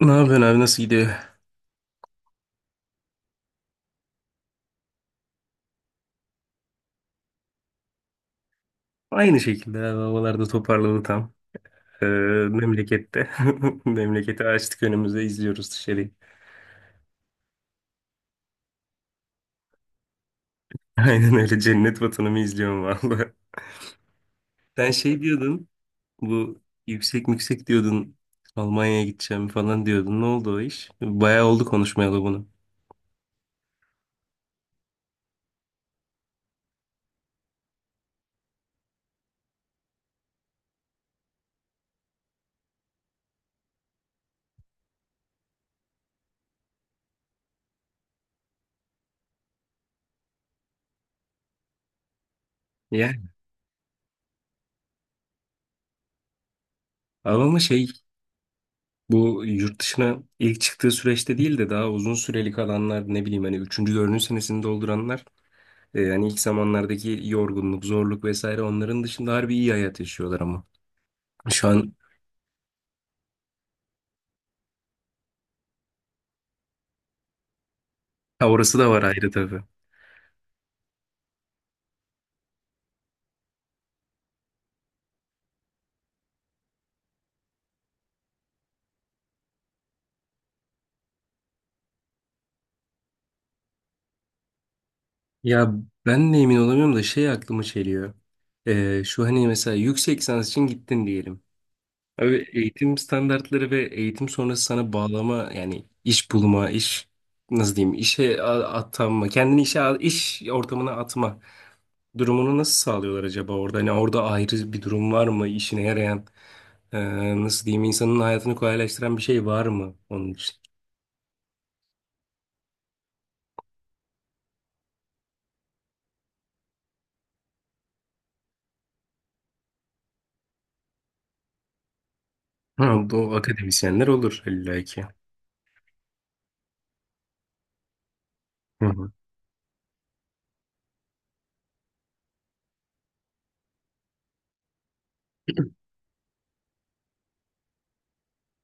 Ne yapıyorsun abi, nasıl gidiyor? Aynı şekilde abi, havalarda toparladı tam. Ee, Memlekette. Memleketi açtık önümüze, izliyoruz dışarıyı. Aynen öyle, cennet vatanımı izliyorum vallahi. Sen şey diyordun, bu yüksek yüksek diyordun, Almanya'ya gideceğim falan diyordun. Ne oldu o iş? Bayağı oldu konuşmayalı bunu. Ya abi, ama şey, bu yurt dışına ilk çıktığı süreçte değil de daha uzun süreli kalanlar, ne bileyim hani üçüncü dördüncü senesini dolduranlar, yani ilk zamanlardaki yorgunluk, zorluk vesaire onların dışında harbi iyi hayat yaşıyorlar ama. Şu an. Ha, orası da var ayrı tabii. Ya ben de emin olamıyorum da şey aklıma geliyor. Şu hani mesela yüksek lisans için gittin diyelim. Abi eğitim standartları ve eğitim sonrası sana bağlama, yani iş bulma, iş, nasıl diyeyim, işe atanma, kendini iş ortamına atma. Durumunu nasıl sağlıyorlar acaba orada? Hani orada ayrı bir durum var mı? İşine yarayan, e, nasıl diyeyim, insanın hayatını kolaylaştıran bir şey var mı onun için? Ha, bu akademisyenler olur illa ki. Hı hı.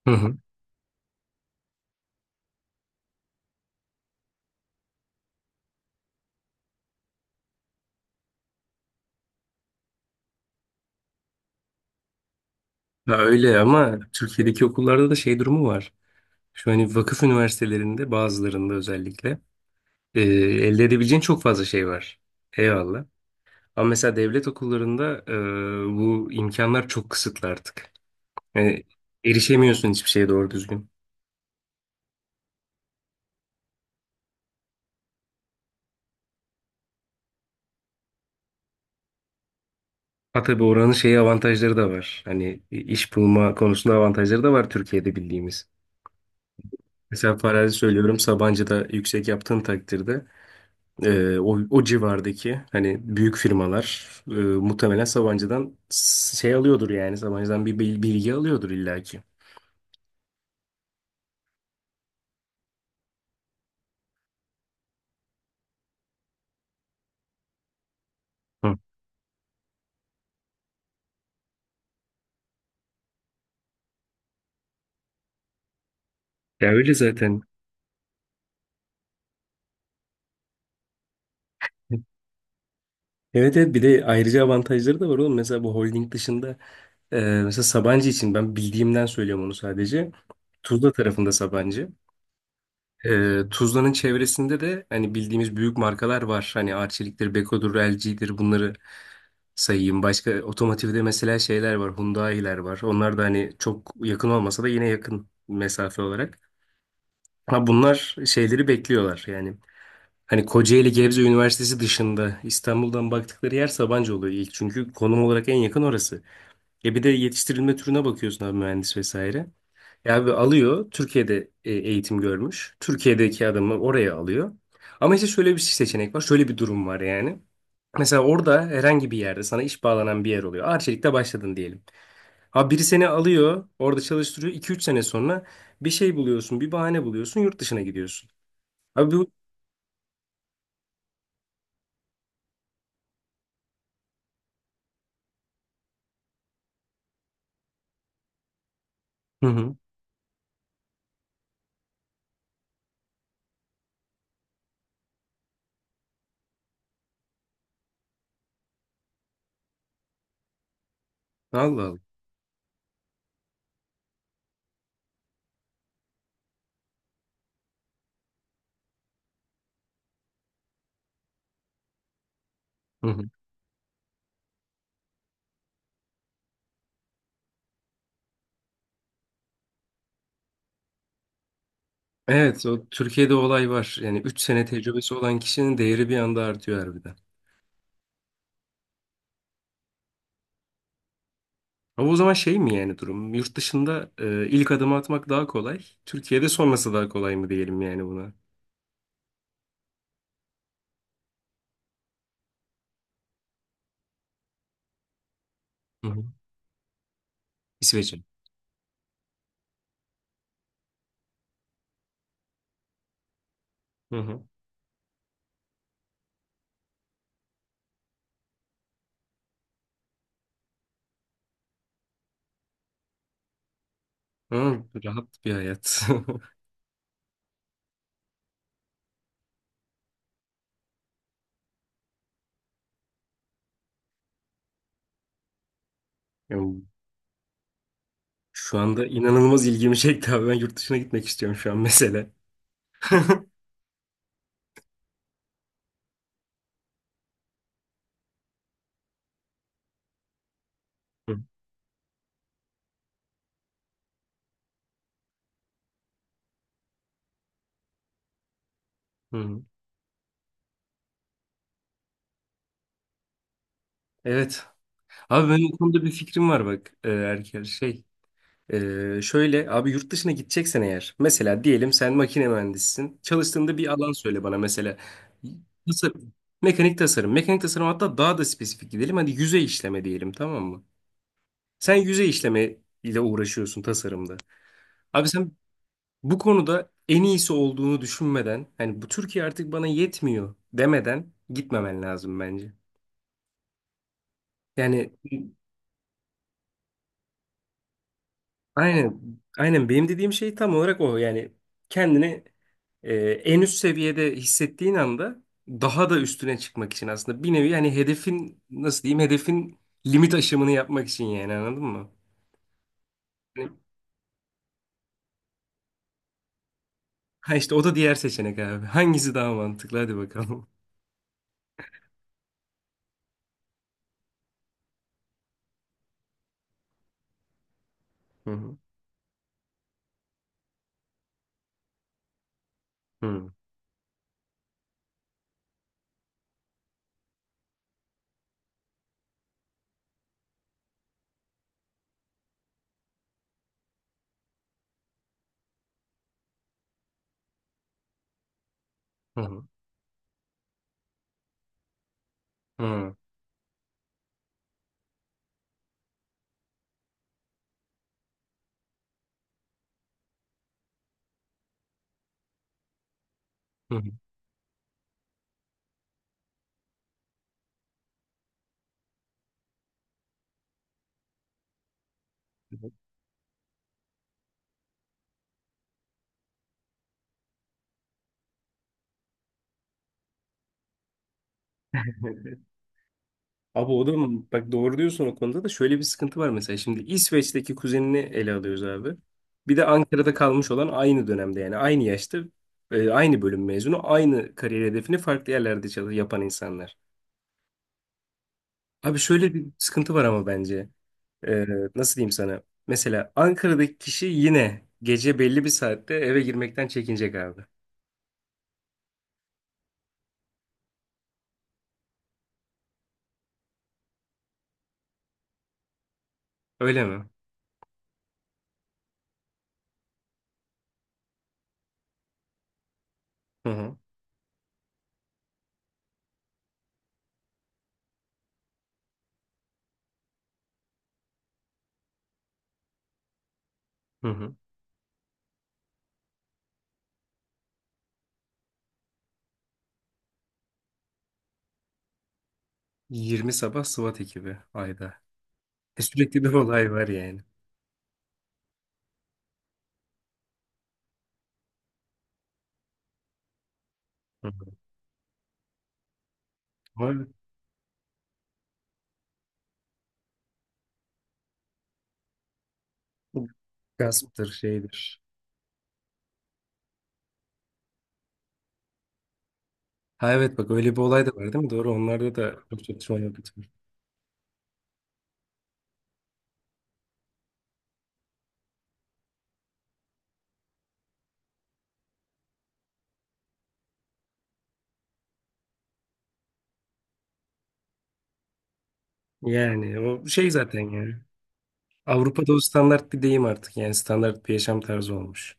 Hı hı. Ya öyle, ama Türkiye'deki okullarda da şey durumu var. Şu hani vakıf üniversitelerinde bazılarında özellikle elde edebileceğin çok fazla şey var. Eyvallah. Ama mesela devlet okullarında, bu imkanlar çok kısıtlı artık. Yani erişemiyorsun hiçbir şeye doğru düzgün. Ha tabii, oranın şeyi avantajları da var. Hani, iş bulma konusunda avantajları da var Türkiye'de bildiğimiz. Mesela farazi söylüyorum, Sabancı'da yüksek yaptığın takdirde, o civardaki hani büyük firmalar, muhtemelen Sabancı'dan şey alıyordur, yani Sabancı'dan bir bilgi alıyordur illaki. Hı. Ya öyle zaten. Evet, evet, bir de ayrıca avantajları da var oğlum. Mesela bu holding dışında, e, mesela Sabancı için ben bildiğimden söylüyorum onu sadece. Tuzla tarafında Sabancı. Tuzla'nın çevresinde de hani bildiğimiz büyük markalar var. Hani Arçelik'tir, Beko'dur, LG'dir, bunları sayayım. Başka otomotivde mesela şeyler var, Hyundai'ler var. Onlar da hani çok yakın olmasa da, yine yakın mesafe olarak. Ama bunlar şeyleri bekliyorlar yani. Hani Kocaeli Gebze Üniversitesi dışında İstanbul'dan baktıkları yer Sabancı oluyor ilk. Çünkü konum olarak en yakın orası. E bir de yetiştirilme türüne bakıyorsun abi, mühendis vesaire. Ya abi, alıyor, Türkiye'de eğitim görmüş. Türkiye'deki adamı oraya alıyor. Ama işte şöyle bir seçenek var. Şöyle bir durum var yani. Mesela orada herhangi bir yerde sana iş bağlanan bir yer oluyor. Arçelik'te başladın diyelim. Abi biri seni alıyor, orada çalıştırıyor. 2 üç sene sonra bir şey buluyorsun, bir bahane buluyorsun, yurt dışına gidiyorsun. Abi bu... Hı hı. Allah Allah. Hı hı. Evet, o Türkiye'de olay var. Yani 3 sene tecrübesi olan kişinin değeri bir anda artıyor harbiden. Ama o zaman şey mi yani durum? Yurt dışında ilk adımı atmak daha kolay. Türkiye'de sonrası daha kolay mı diyelim yani buna? Hı hı. İsveç'e. Hı hı. Hı, rahat bir hayat. Yani şu anda inanılmaz ilgimi çekti abi. Ben yurt dışına gitmek istiyorum şu an mesela. Hı. Hı. Evet. Abi benim bu konuda bir fikrim var bak, Erker. Şey. Şöyle abi, yurt dışına gideceksen eğer, mesela diyelim sen makine mühendisisin, çalıştığında bir alan söyle bana, mesela tasarım, mekanik tasarım, mekanik tasarım, hatta daha da spesifik gidelim, hadi yüzey işleme diyelim, tamam mı? Sen yüzey işleme ile uğraşıyorsun tasarımda. Abi sen bu konuda en iyisi olduğunu düşünmeden, hani bu Türkiye artık bana yetmiyor demeden gitmemen lazım bence. Yani aynen. Aynen benim dediğim şey tam olarak o. Yani kendini en üst seviyede hissettiğin anda daha da üstüne çıkmak için aslında bir nevi, yani hedefin, nasıl diyeyim, hedefin limit aşımını yapmak için yani, anladın mı? Yani, ha işte o da diğer seçenek abi. Hangisi daha mantıklı? Hadi bakalım. Hı hı. Hı hı. Hı hı. Hı hı. Abi o da mı? Bak, doğru diyorsun, o konuda da şöyle bir sıkıntı var mesela. Şimdi İsveç'teki kuzenini ele alıyoruz abi. Bir de Ankara'da kalmış olan, aynı dönemde yani aynı yaşta, aynı bölüm mezunu, aynı kariyer hedefini farklı yerlerde çalış yapan insanlar. Abi şöyle bir sıkıntı var ama bence. E, Nasıl diyeyim sana? Mesela Ankara'daki kişi yine gece belli bir saatte eve girmekten çekinecek abi. Öyle mi? Hı hı. Hı hı. 20 sabah SWAT ekibi ayda. Sürekli bir olay var yani. Hı hı. Var. Gasptır, şeydir. Ha, evet, bak öyle bir olay da var değil mi? Doğru, onlarda da çok çatışma yok. Yani o şey zaten yani. Avrupa'da o standart bir deyim artık. Yani standart bir yaşam tarzı olmuş.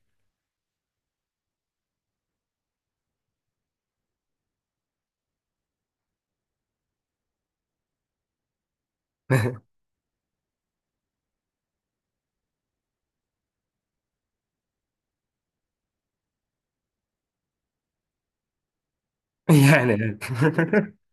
Yani.